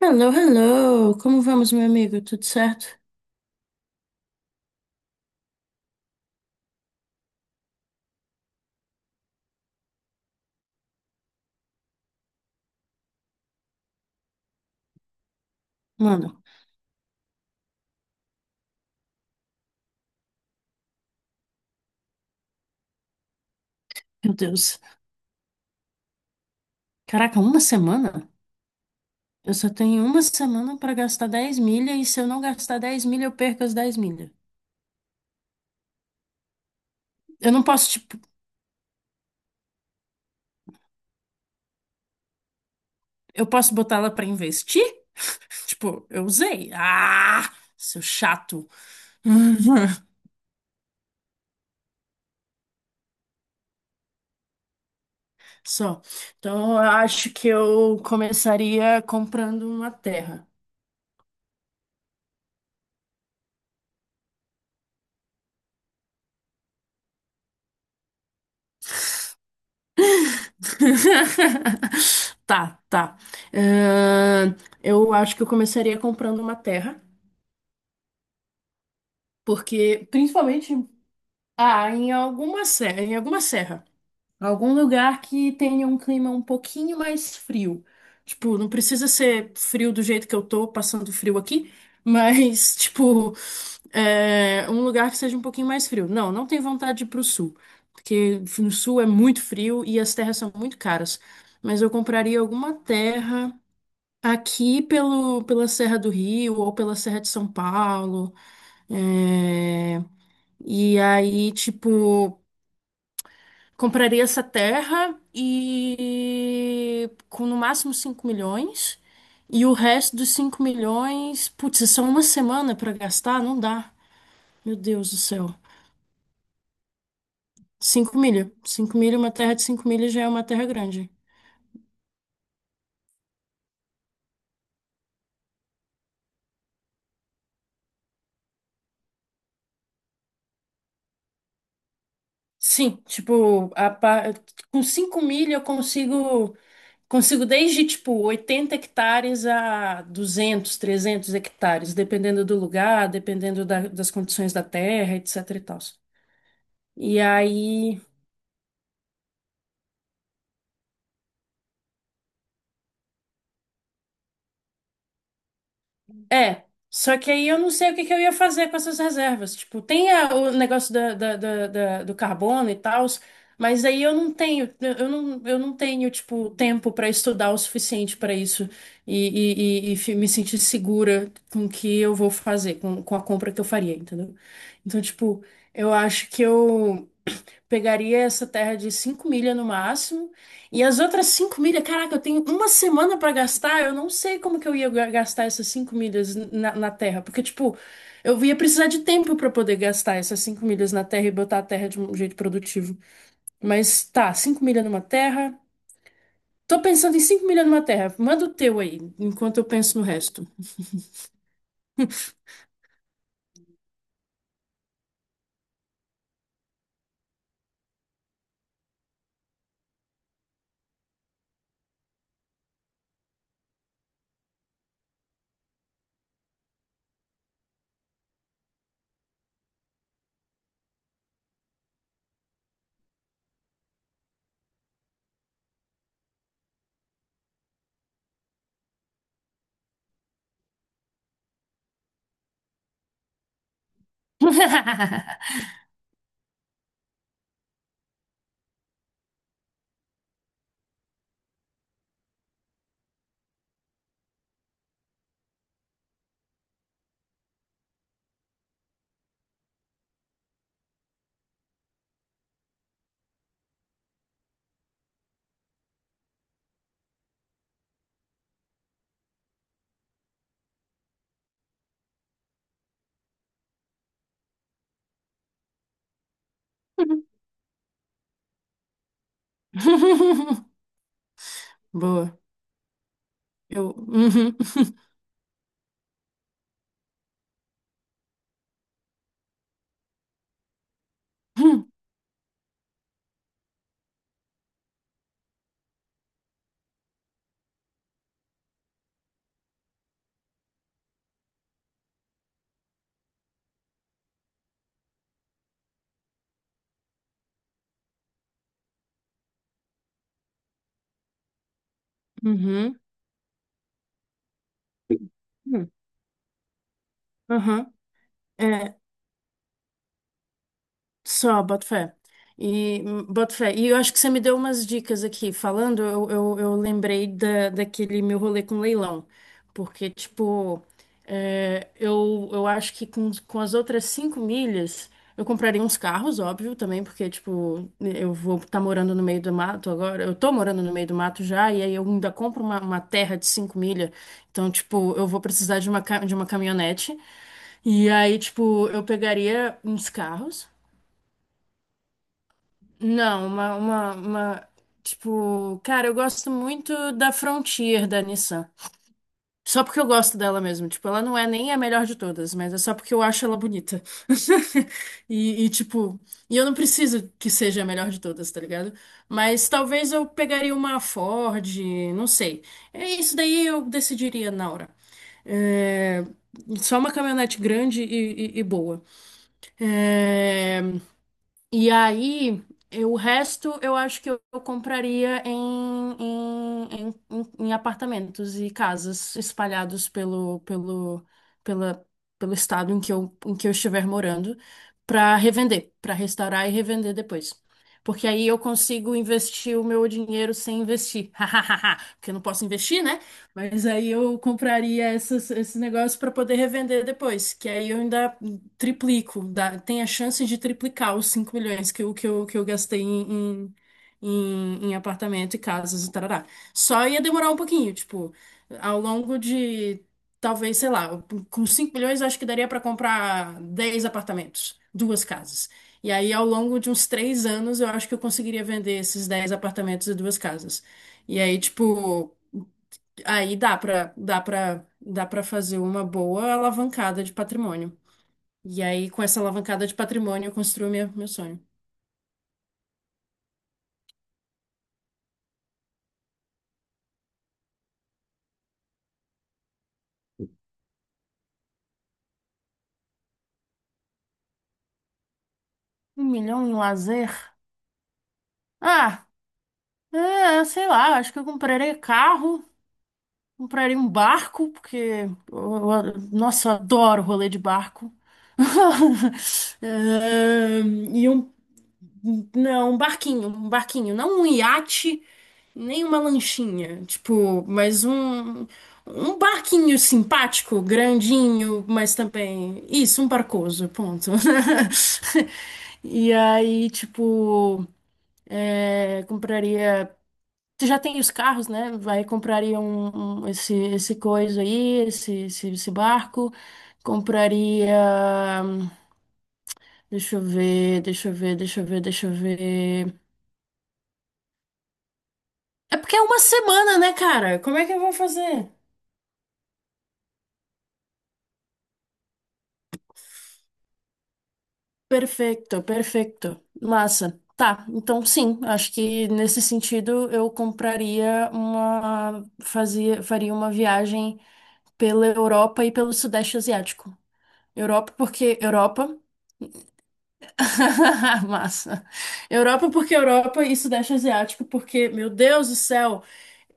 Hello, hello! Como vamos, meu amigo? Tudo certo? Mano, meu Deus. Caraca, uma semana? Eu só tenho uma semana pra gastar 10 milha e se eu não gastar dez milha, eu perco as 10 milha. Eu não posso, tipo, eu posso botá-la pra investir? Tipo, eu usei. Ah, seu chato. Só. Então, eu acho que eu começaria comprando uma terra. Tá, tá. Ahn, eu acho que eu começaria comprando uma terra, porque principalmente em alguma serra, em alguma serra. Algum lugar que tenha um clima um pouquinho mais frio. Tipo, não precisa ser frio do jeito que eu tô passando frio aqui, mas, tipo, um lugar que seja um pouquinho mais frio. Não, não tenho vontade de ir pro sul, porque no sul é muito frio e as terras são muito caras. Mas eu compraria alguma terra aqui pela Serra do Rio ou pela Serra de São Paulo. é, E aí, tipo. Compraria essa terra e com no máximo 5 milhões. E o resto dos 5 milhões, putz, é só uma semana para gastar? Não dá. Meu Deus do céu. Cinco milha. Cinco milha, uma terra de 5 milhas já é uma terra grande. Sim, tipo, com 5 milha eu consigo desde tipo 80 hectares a 200 300 hectares, dependendo do lugar, das condições da terra, etc e tal. E aí, É, só que aí eu não sei o que que eu ia fazer com essas reservas. Tipo, o negócio da, da- da- da- do carbono e tal, mas aí eu não tenho, tipo, tempo para estudar o suficiente para isso e me sentir segura com o que eu vou fazer, com a compra que eu faria, entendeu? Então, tipo, eu acho que eu. Pegaria essa terra de 5 milhas no máximo. E as outras 5 milhas, caraca, eu tenho uma semana pra gastar. Eu não sei como que eu ia gastar essas 5 milhas na terra. Porque, tipo, eu ia precisar de tempo pra poder gastar essas cinco milhas na terra e botar a terra de um jeito produtivo. Mas tá, 5 milhas numa terra. Tô pensando em 5 milhas numa terra. Manda o teu aí, enquanto eu penso no resto. Boa. Eu. Uhum. Uhum. Uhum. Uhum. Só, boto fé. E, boto fé. E eu acho que você me deu umas dicas aqui. Falando, eu lembrei daquele meu rolê com leilão. Porque, tipo, eu acho que com as outras cinco milhas, eu compraria uns carros, óbvio, também, porque, tipo, eu vou estar morando no meio do mato agora. Eu tô morando no meio do mato já, e aí eu ainda compro uma terra de cinco milhas. Então, tipo, eu vou precisar de de uma caminhonete. E aí, tipo, eu pegaria uns carros. Não, tipo, cara, eu gosto muito da Frontier da Nissan. Só porque eu gosto dela mesmo. Tipo, ela não é nem a melhor de todas, mas é só porque eu acho ela bonita. E, tipo, eu não preciso que seja a melhor de todas, tá ligado? Mas talvez eu pegaria uma Ford, não sei. É isso daí eu decidiria na hora. É, Só uma caminhonete grande e boa. É, e aí, o resto eu acho que eu compraria em apartamentos e casas espalhados pela, pelo estado em em que eu estiver morando, para revender, para restaurar e revender depois. Porque aí eu consigo investir o meu dinheiro sem investir. Porque eu não posso investir, né? Mas aí eu compraria essas, esse negócio para poder revender depois. Que aí eu ainda triplico, tem a chance de triplicar os 5 milhões que eu gastei em apartamento e casas e tarará. Só ia demorar um pouquinho, tipo, ao longo de, talvez, sei lá, com 5 milhões eu acho que daria para comprar 10 apartamentos, duas casas. E aí, ao longo de uns 3 anos, eu acho que eu conseguiria vender esses 10 apartamentos e duas casas. E aí, tipo, aí dá pra fazer uma boa alavancada de patrimônio. E aí, com essa alavancada de patrimônio, eu construo meu sonho. Um milhão em lazer? Ah, sei lá, acho que eu comprarei carro, comprarei um barco, porque nossa, eu adoro rolê de barco. É, e um Não, um barquinho, não um iate, nem uma lanchinha, tipo, mas um barquinho simpático, grandinho, mas também isso, um barcoso, ponto. E aí, tipo, compraria. Tu já tem os carros, né? Vai compraria esse coisa aí, esse barco. Compraria. Deixa eu ver, deixa eu ver, deixa eu ver, deixa eu ver. É porque é uma semana, né, cara? Como é que eu vou fazer? Perfeito, perfeito. Massa. Tá, então sim, acho que nesse sentido eu compraria faria uma viagem pela Europa e pelo Sudeste Asiático. Europa, porque Europa, massa. Europa porque Europa e Sudeste Asiático porque, meu Deus do céu,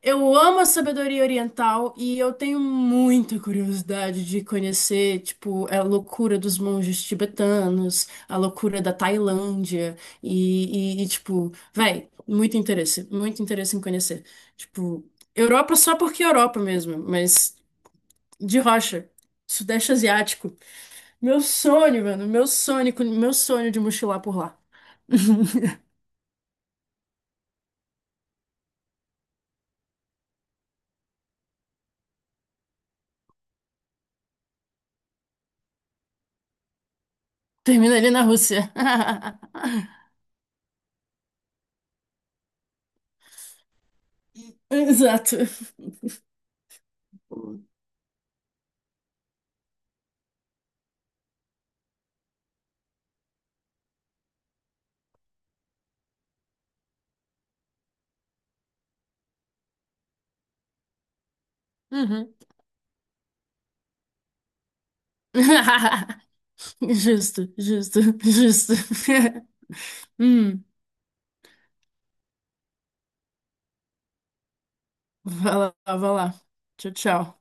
eu amo a sabedoria oriental e eu tenho muita curiosidade de conhecer, tipo, a loucura dos monges tibetanos, a loucura da Tailândia tipo, véi, muito interesse em conhecer. Tipo, Europa só porque Europa mesmo, mas de rocha. Sudeste Asiático. Meu sonho, mano, meu sonho de mochilar por lá. Termina ali na Rússia. Exato. Uhum. Justo, justo, justo. Hum, vai lá, vai lá. Tchau, tchau.